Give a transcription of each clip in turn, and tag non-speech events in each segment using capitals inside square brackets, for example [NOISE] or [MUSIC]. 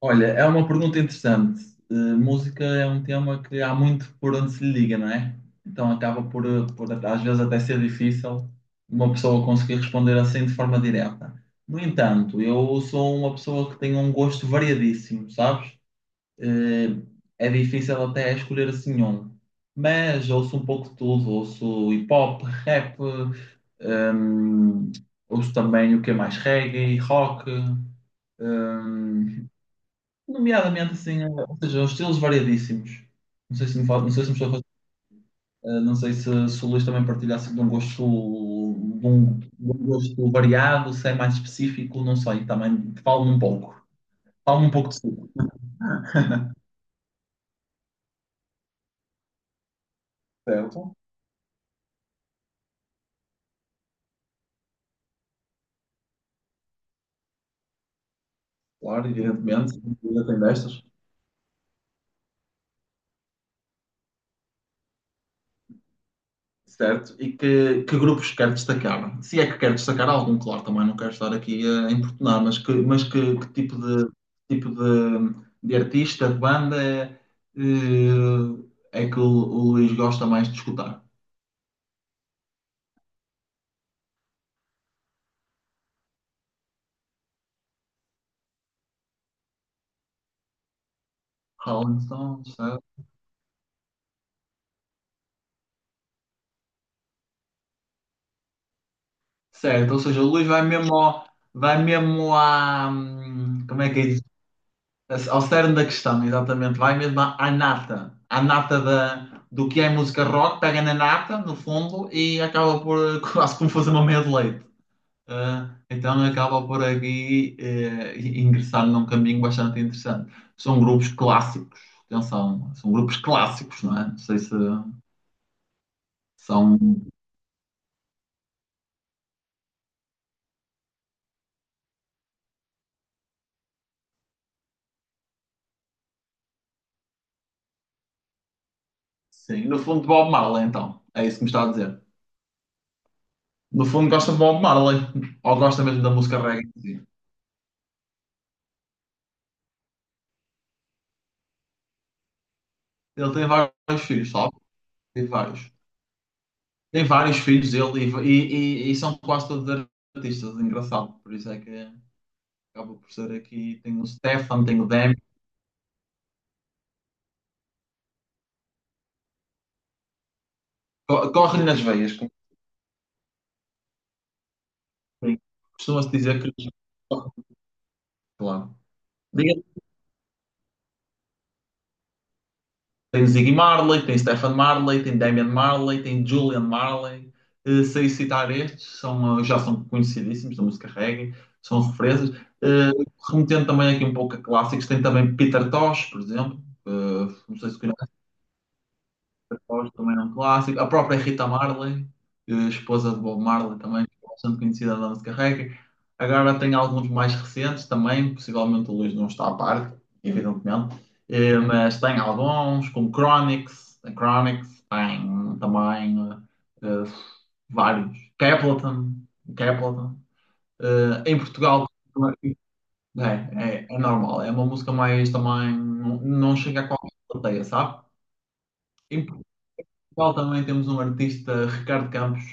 Olha, é uma pergunta interessante. Música é um tema que há muito por onde se lhe liga, não é? Então acaba por às vezes até ser difícil uma pessoa conseguir responder assim de forma direta. No entanto, eu sou uma pessoa que tem um gosto variadíssimo, sabes? Eh, É difícil até escolher assim um. Mas ouço um pouco de tudo, ouço hip hop, rap, eh, ouço também o que é mais reggae, rock. Hum, Nomeadamente, assim, ou seja, os estilos variadíssimos. Não sei se me estou a não sei se o Luís também partilhasse de um gosto, de um gosto variado, se é mais específico, não sei, também falo-me um pouco. Falo-me um pouco de si, certo? Claro, evidentemente, ainda tem destas. Certo? E que grupos quer destacar? Se é que quer destacar algum, claro, também não quero estar aqui a importunar, mas que tipo de, tipo de, de artista, de banda é, é que o Luís gosta mais de escutar? Rolling Stones, certo? Certo, ou seja, o Luís vai vai mesmo à, como é que é? Ao cerne da questão, exatamente. Vai mesmo à, à nata. À nata do que é música rock, pega na nata, no fundo, e acaba por [LAUGHS] quase como fazer uma meia de leite. Ah, então acaba por aqui ingressar num caminho bastante interessante. São grupos clássicos, atenção, são grupos clássicos, não é? Não sei se são. Sim, no fundo, Bob Marley, então. É isso que me está a dizer. No fundo, gosta de Bob Marley, ou gosta mesmo da música reggae em si. Ele tem vários filhos, sabe? Tem vários. Tem vários filhos ele e são quase todos artistas, é engraçado. Por isso é que acaba por ser aqui. Tem o Stefan, tem o Demi. Corre-lhe nas veias, como se diz. Costuma-se dizer que eles correm, claro. Diga- Tem Ziggy Marley, tem Stefan Marley, tem Damian Marley, tem Julian Marley. Sei citar estes, são, já são conhecidíssimos da música reggae, são referências. Eh, Remetendo também aqui um pouco a clássicos, tem também Peter Tosh, por exemplo. Não sei se conhece. Oz também é um clássico. A própria Rita Marley, esposa de Bob Marley, também bastante conhecida da música reggae. Agora tem alguns mais recentes também, possivelmente o Luís não está a par, evidentemente. Mas tem alguns, como Chronix, a Chronix, tem também eh, eh, vários. Capleton, Capleton. Em Portugal é normal, é uma música mais também, não chega a qualquer plateia, sabe? Em Portugal também temos um artista, Ricardo Campos,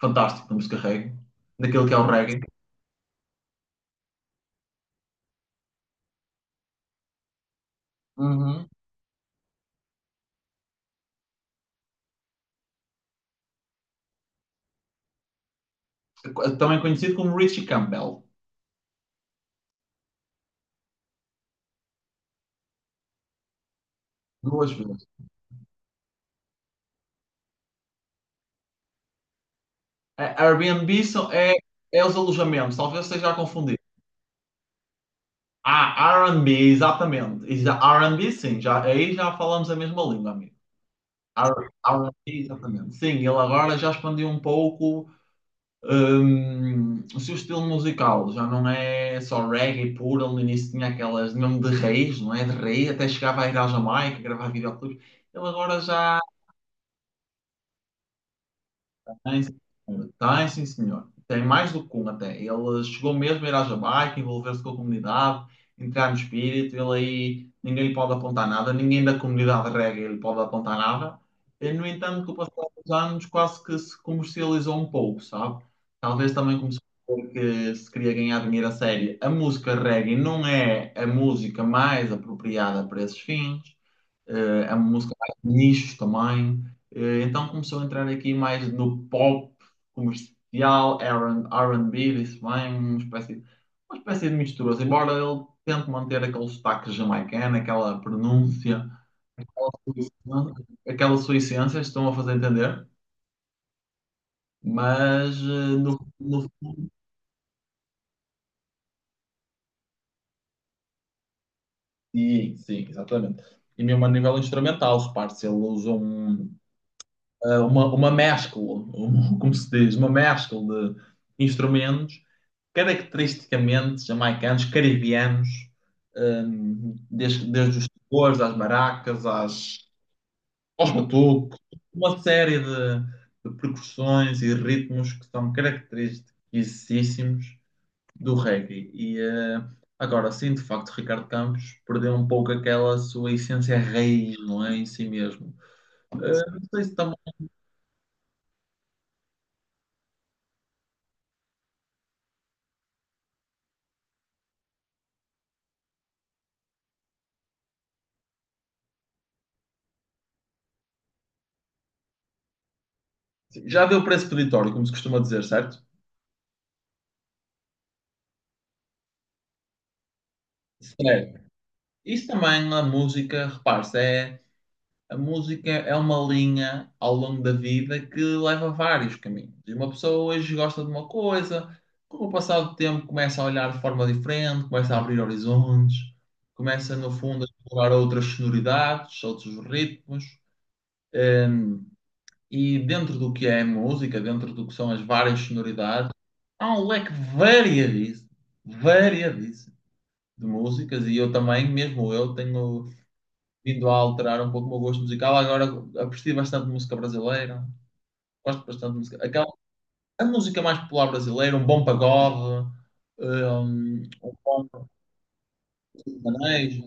fantástico no descarrego, daquele que é o reggae, uhum, também conhecido como Richie Campbell, duas vezes. A Airbnb é, é os alojamentos, talvez esteja a confundir. Ah, R&B, exatamente. R&B, sim, já, aí já falamos a mesma língua, amigo. R&B, exatamente. Sim, ele agora já expandiu um pouco. O seu estilo musical já não é só reggae puro, ele no início tinha aquelas nome de reis, não é? De rei, até chegava a ir à Jamaica gravar videoclipes. Ele agora já tem, sim, senhora. Tem, sim, senhor. Tem mais do que um até. Ele chegou mesmo a ir à Jamaica, envolver-se com a comunidade, entrar no espírito. Ele aí, ninguém lhe pode apontar nada, ninguém da comunidade reggae lhe pode apontar nada. E, no entanto, com o passar dos anos, quase que se comercializou um pouco, sabe? Talvez também começou a ver que se queria ganhar dinheiro a sério. A música reggae não é a música mais apropriada para esses fins. É uma música mais de nicho também. Então começou a entrar aqui mais no pop comercial, R&B, disse bem, uma espécie de mistura. Assim, embora ele tente manter aquele sotaque jamaicano, aquela pronúncia, aquela sua essência, estão a fazer entender, mas no sim, sim, exatamente. E mesmo a nível instrumental, repare-se, ele usa uma mescla, [LAUGHS] como se diz, uma mescla de instrumentos caracteristicamente jamaicanos, caribianos, desde os tambores, às baracas, aos batucos, uma série de percussões e ritmos que são característicos do reggae. E agora sim, de facto, Ricardo Campos perdeu um pouco aquela sua essência raiz, não é? Em si mesmo. Eh, não sei se também. Já deu preço peditório, como se costuma dizer, certo? Certo. Isso também na música, repare-se, é... A música é uma linha ao longo da vida que leva a vários caminhos. E uma pessoa hoje gosta de uma coisa, com o passar do tempo começa a olhar de forma diferente, começa a abrir horizontes, começa no fundo a explorar outras sonoridades, outros ritmos. E dentro do que é a música, dentro do que são as várias sonoridades, há um leque variadíssimo, variadíssimo de músicas. E eu também, mesmo eu, tenho vindo a alterar um pouco o meu gosto musical. Agora aprecio bastante música brasileira. Gosto bastante de música. Aquela, a música mais popular brasileira, um bom pagode, um bom sertanejo,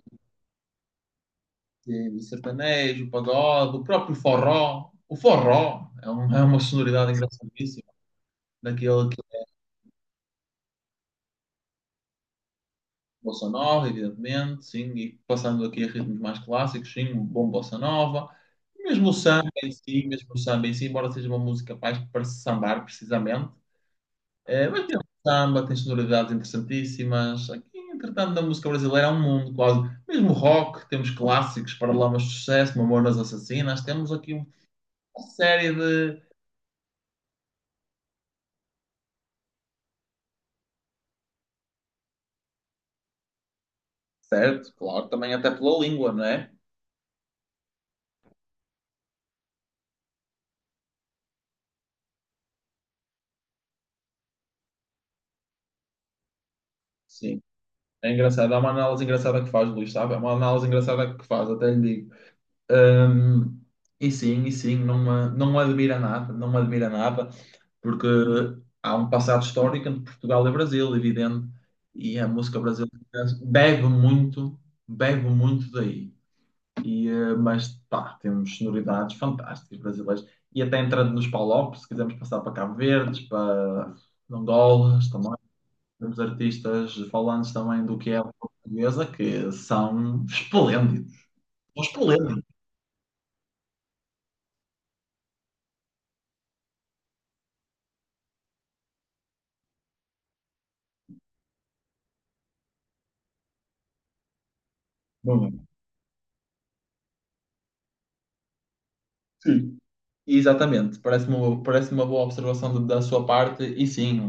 sim, sertanejo, pagode, o próprio forró. O forró é uma sonoridade engraçadíssima. Daquele que é bossa nova, evidentemente, sim, e passando aqui a ritmos mais clássicos, sim, um bom bossa nova. Mesmo o samba em si, mesmo o samba em si, embora seja uma música mais para sambar, precisamente. Mas tem um samba, tem sonoridades interessantíssimas. Aqui, entretanto, da música brasileira há um mundo quase. Mesmo rock, temos clássicos, Paralamas de Sucesso, Mamonas Assassinas. Temos aqui uma série de... Certo, claro, também até pela língua, não é? Sim. É engraçado. Há uma análise engraçada que faz, Luís, sabe? É uma análise engraçada que faz, até lhe digo. Hum, e sim, e sim, não, não me admira nada, não me admira nada. Porque há um passado histórico entre Portugal e Brasil, evidente, e a música brasileira bebe muito, bebe muito daí. E, mas pá, temos sonoridades fantásticas brasileiras. E até entrando nos palopes, se quisermos passar para Cabo Verdes, para Angolas também, temos artistas falantes também do que é a língua portuguesa que são esplêndidos. São esplêndidos. Bom, sim. Exatamente, parece-me uma, parece uma boa observação da sua parte, e sim,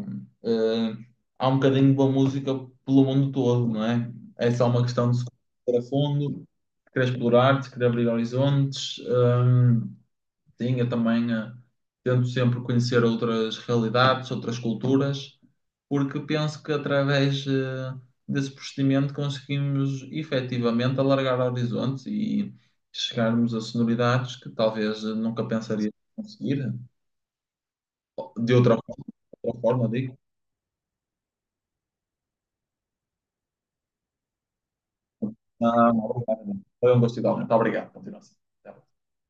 há um bocadinho de boa música pelo mundo todo, não é? É só uma questão de se conhecer a fundo, de querer explorar, de querer abrir horizontes. Sim, eu também tento sempre conhecer outras realidades, outras culturas, porque penso que através desse procedimento conseguimos efetivamente alargar horizontes e chegarmos a sonoridades que talvez nunca pensaria conseguir. De outra, Outra forma, digo. Não, não, obrigado. Foi um gosto igual. Muito obrigado. Continua assim. Até lá.